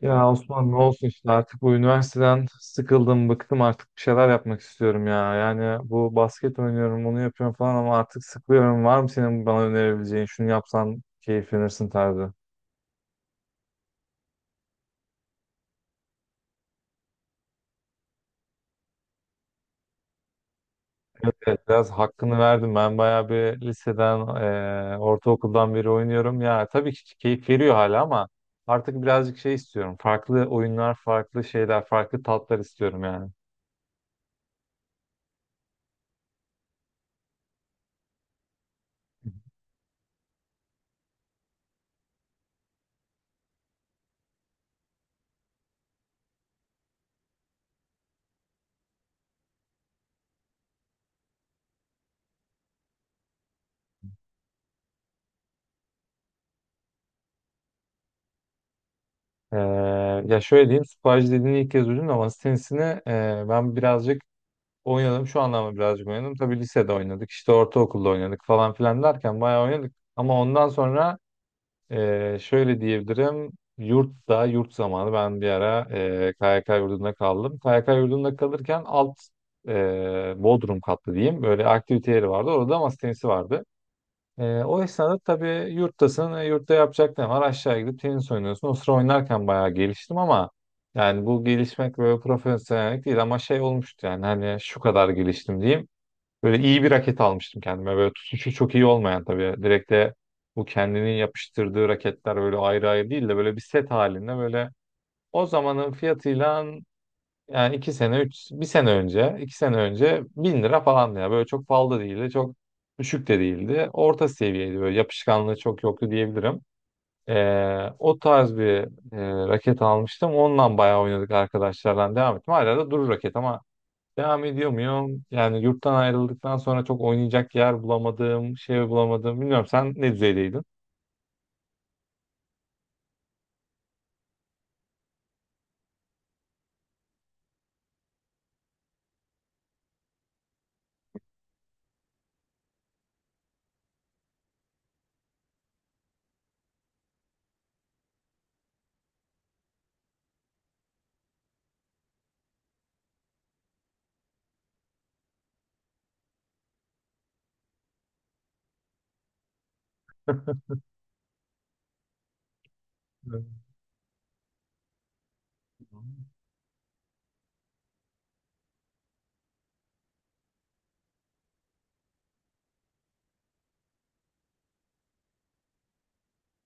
Ya Osman ne olsun işte artık bu üniversiteden sıkıldım, bıktım artık bir şeyler yapmak istiyorum ya. Yani bu basket oynuyorum, bunu yapıyorum falan ama artık sıkılıyorum. Var mı senin bana önerebileceğin, şunu yapsan keyiflenirsin tarzı? Evet, biraz hakkını verdim. Ben bayağı bir liseden, ortaokuldan beri oynuyorum. Ya tabii ki keyif veriyor hala ama artık birazcık şey istiyorum. Farklı oyunlar, farklı şeyler, farklı tatlar istiyorum yani. E, Ya şöyle diyeyim, squash dediğini ilk kez duydum ama tenisini ben birazcık oynadım, şu anlamda birazcık oynadım. Tabii lisede oynadık işte ortaokulda oynadık falan filan derken bayağı oynadık. Ama ondan sonra şöyle diyebilirim, yurtta yurt zamanı ben bir ara KYK yurdunda kaldım. KYK yurdunda kalırken alt Bodrum katlı diyeyim, böyle aktivite yeri vardı, orada da masa tenisi vardı. O esnada tabii yurttasın, yurtta yapacak ne var? Aşağı gidip tenis oynuyorsun. O sıra oynarken bayağı geliştim ama yani bu gelişmek böyle profesyonellik değil ama şey olmuştu yani, hani şu kadar geliştim diyeyim. Böyle iyi bir raket almıştım kendime. Böyle tutuşu çok iyi olmayan tabii. Direkt de bu kendinin yapıştırdığı raketler böyle ayrı ayrı değil de böyle bir set halinde, böyle o zamanın fiyatıyla yani iki sene, üç, bir sene önce, iki sene önce bin lira falandı ya. Böyle çok pahalı da değildi, çok düşük de değildi. Orta seviyeydi, böyle yapışkanlığı çok yoktu diyebilirim. O tarz bir raket almıştım. Ondan bayağı oynadık arkadaşlarla, devam ettim. Hala da durur raket ama devam ediyor muyum? Yani yurttan ayrıldıktan sonra çok oynayacak yer bulamadım, şey bulamadım. Bilmiyorum, sen ne düzeydeydin?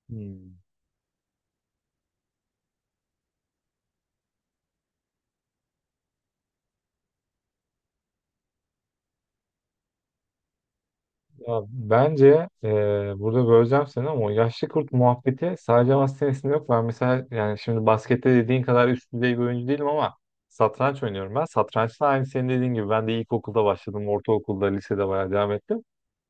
Hmm. Ya bence burada böleceğim seni ama o yaşlı kurt muhabbeti sadece masa tenisinde yok. Ben mesela, yani şimdi baskette dediğin kadar üst düzey bir oyuncu değilim ama satranç oynuyorum ben. Satrançta aynı senin dediğin gibi ben de ilkokulda başladım, ortaokulda, lisede bayağı devam ettim.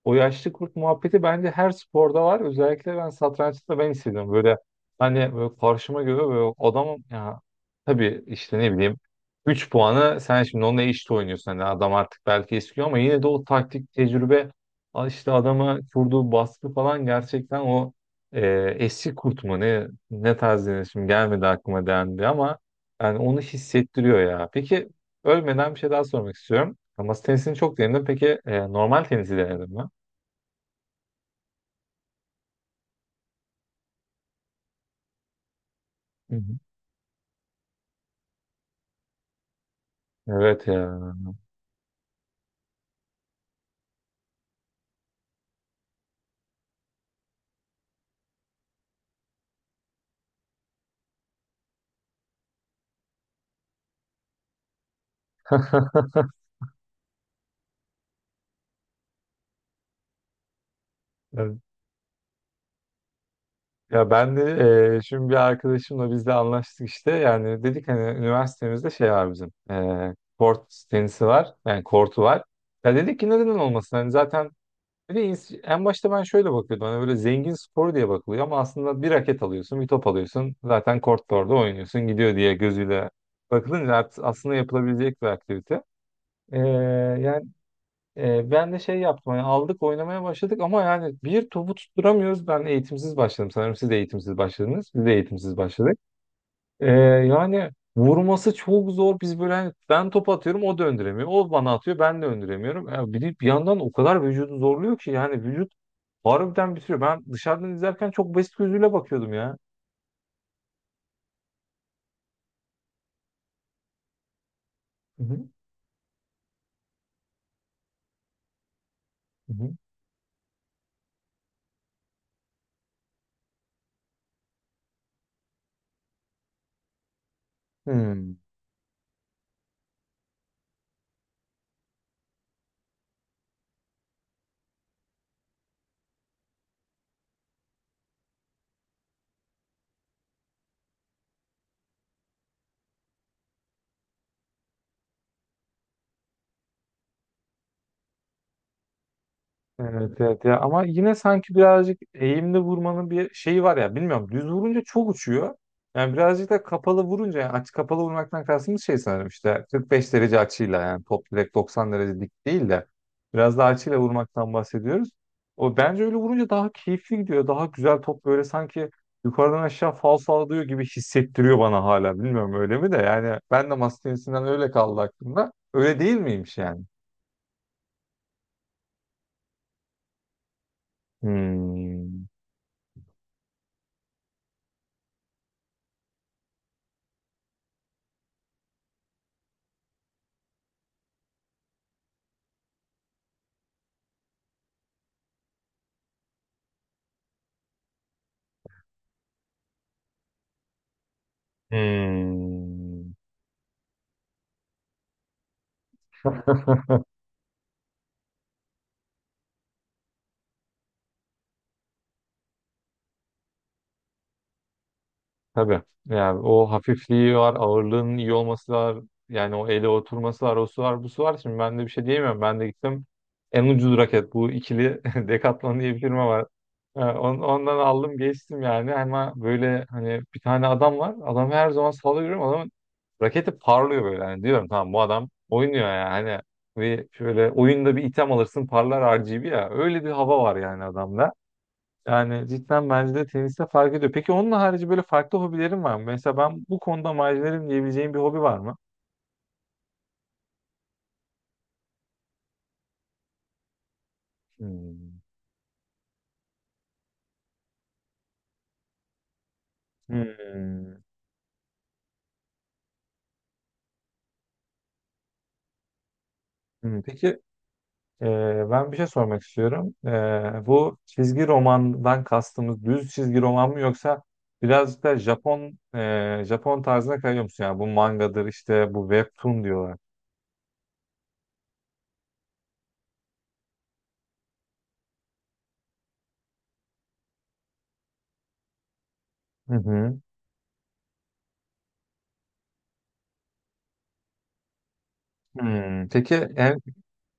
O yaşlı kurt muhabbeti bence her sporda var. Özellikle ben satrançta ben hissediyorum. Böyle hani böyle karşıma göre böyle adamım ya, tabii işte ne bileyim, 3 puanı sen şimdi onunla eşit oynuyorsun. Hani adam artık belki eskiyor ama yine de o taktik tecrübe, işte adama kurduğu baskı falan gerçekten o e, eski kurt mu ne, ne tarz denir şimdi gelmedi aklıma dendi ama yani onu hissettiriyor ya. Peki, ölmeden bir şey daha sormak istiyorum. Masa tenisini çok denedim. Peki normal tenisi denedin mi? Hı hı. Evet ya. Evet. Ya ben de şimdi bir arkadaşımla biz de anlaştık işte. Yani dedik hani üniversitemizde şey var bizim. Kort tenisi var. Yani kortu var. Ya dedik ki, neden olmasın? Hani zaten bir de en başta ben şöyle bakıyordum. Hani böyle zengin sporu diye bakılıyor ama aslında bir raket alıyorsun, bir top alıyorsun. Zaten kortta orada oynuyorsun, gidiyor diye gözüyle bakılınca aslında yapılabilecek bir aktivite. E, Ben de şey yaptım, hani aldık oynamaya başladık ama yani bir topu tutturamıyoruz. Ben eğitimsiz başladım. Sanırım siz de eğitimsiz başladınız. Biz de eğitimsiz başladık. E, Yani vurması çok zor. Biz böyle hani ben top atıyorum o döndüremiyor. O bana atıyor ben döndüremiyorum. Ya bir, de bir yandan o kadar vücudu zorluyor ki yani vücut harbiden bitiriyor. Ben dışarıdan izlerken çok basit gözüyle bakıyordum ya. Hı hı. Hı hı. Hmm. Evet evet ya, ama yine sanki birazcık eğimli vurmanın bir şeyi var ya, bilmiyorum, düz vurunca çok uçuyor. Yani birazcık da kapalı vurunca, yani aç kapalı vurmaktan kastımız şey sanırım, işte 45 derece açıyla, yani top direkt 90 derece dik değil de biraz daha açıyla vurmaktan bahsediyoruz. O bence öyle vurunca daha keyifli gidiyor. Daha güzel top, böyle sanki yukarıdan aşağı fal sallıyor gibi hissettiriyor bana hala. Bilmiyorum öyle mi de, yani ben de masa tenisinden öyle kaldı aklımda. Öyle değil miymiş yani? Hmm. Hmm. Tabii. Yani o hafifliği var, ağırlığının iyi olması var. Yani o ele oturması var, o su var, bu su var. Şimdi ben de bir şey diyemiyorum. Ben de gittim. En ucuz raket bu ikili Decathlon diye bir firma var. Ondan aldım geçtim yani, ama böyle hani bir tane adam var. Adam her zaman sahada, görüyorum. Adamın raketi parlıyor böyle. Yani diyorum, tamam bu adam oynuyor yani. Hani bir şöyle oyunda bir item alırsın parlar RGB ya. Öyle bir hava var yani adamda. Yani cidden bence de teniste fark ediyor. Peki onun harici böyle farklı hobilerin var mı? Mesela ben bu konuda macerim diyebileceğim bir hobi var mı? Hmm. Hmm. Hmm. Peki e, ben bir şey sormak istiyorum. Bu çizgi romandan kastımız düz çizgi roman mı, yoksa birazcık da Japon tarzına kayıyor musun? Yani bu mangadır işte, bu webtoon diyorlar. Hı hı. Hmm.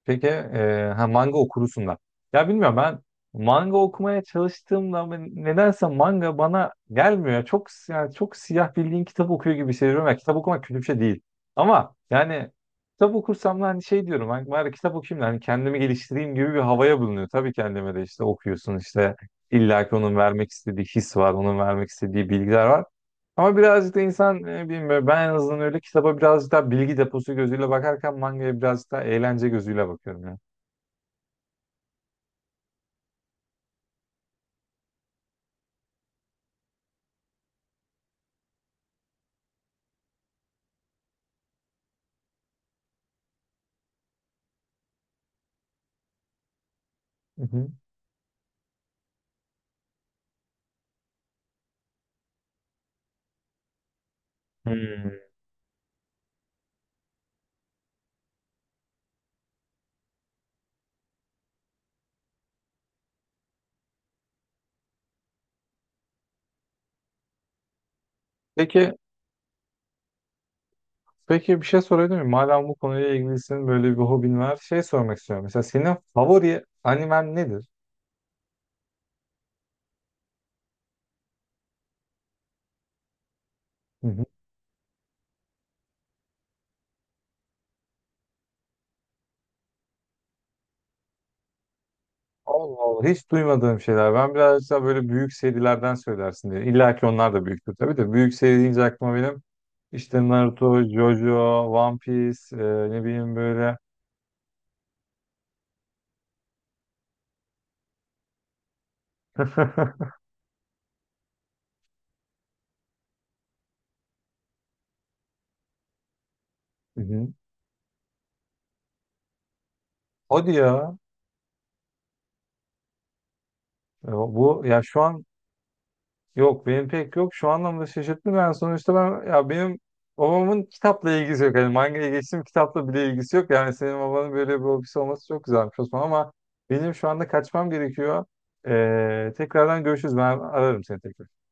Peki, ha, manga okurusun da. Ya bilmiyorum, ben manga okumaya çalıştığımda nedense manga bana gelmiyor. Çok yani, çok siyah, bildiğin kitap okuyor gibi hissediyorum. Ya, kitap okumak kötü bir şey değil. Ama yani kitap okursam da hani şey diyorum, hani bari kitap okuyayım da hani kendimi geliştireyim gibi bir havaya bulunuyor. Tabii kendime de, işte okuyorsun işte, illa ki onun vermek istediği his var, onun vermek istediği bilgiler var. Ama birazcık da insan bilmiyorum, ben en azından öyle, kitaba birazcık daha bilgi deposu gözüyle bakarken mangaya birazcık daha eğlence gözüyle bakıyorum ya. Hı hı. Hmm. Peki peki, bir şey sorabilir miyim? Madem bu konuyla ilgilisin, böyle bir hobin var, şey sormak istiyorum. Mesela senin favori animen nedir? Hı hı. Allah Allah, hiç duymadığım şeyler. Ben birazcık daha böyle büyük serilerden söylersin diye. İlla ki onlar da büyüktür tabii de. Büyük seri deyince aklıma benim işte Naruto, JoJo, One Piece, ne bileyim böyle. Hı hı. Hadi ya. E, Bu ya Şu an yok, benim pek yok. Şu anlamda şaşırttı, ben sonuçta ben ya, benim babamın kitapla ilgisi yok. Hani mangaya geçtim, kitapla bile ilgisi yok. Yani senin babanın böyle bir hobisi olması çok güzelmiş Osman, ama benim şu anda kaçmam gerekiyor. Tekrardan görüşürüz. Ben ararım seni tekrar.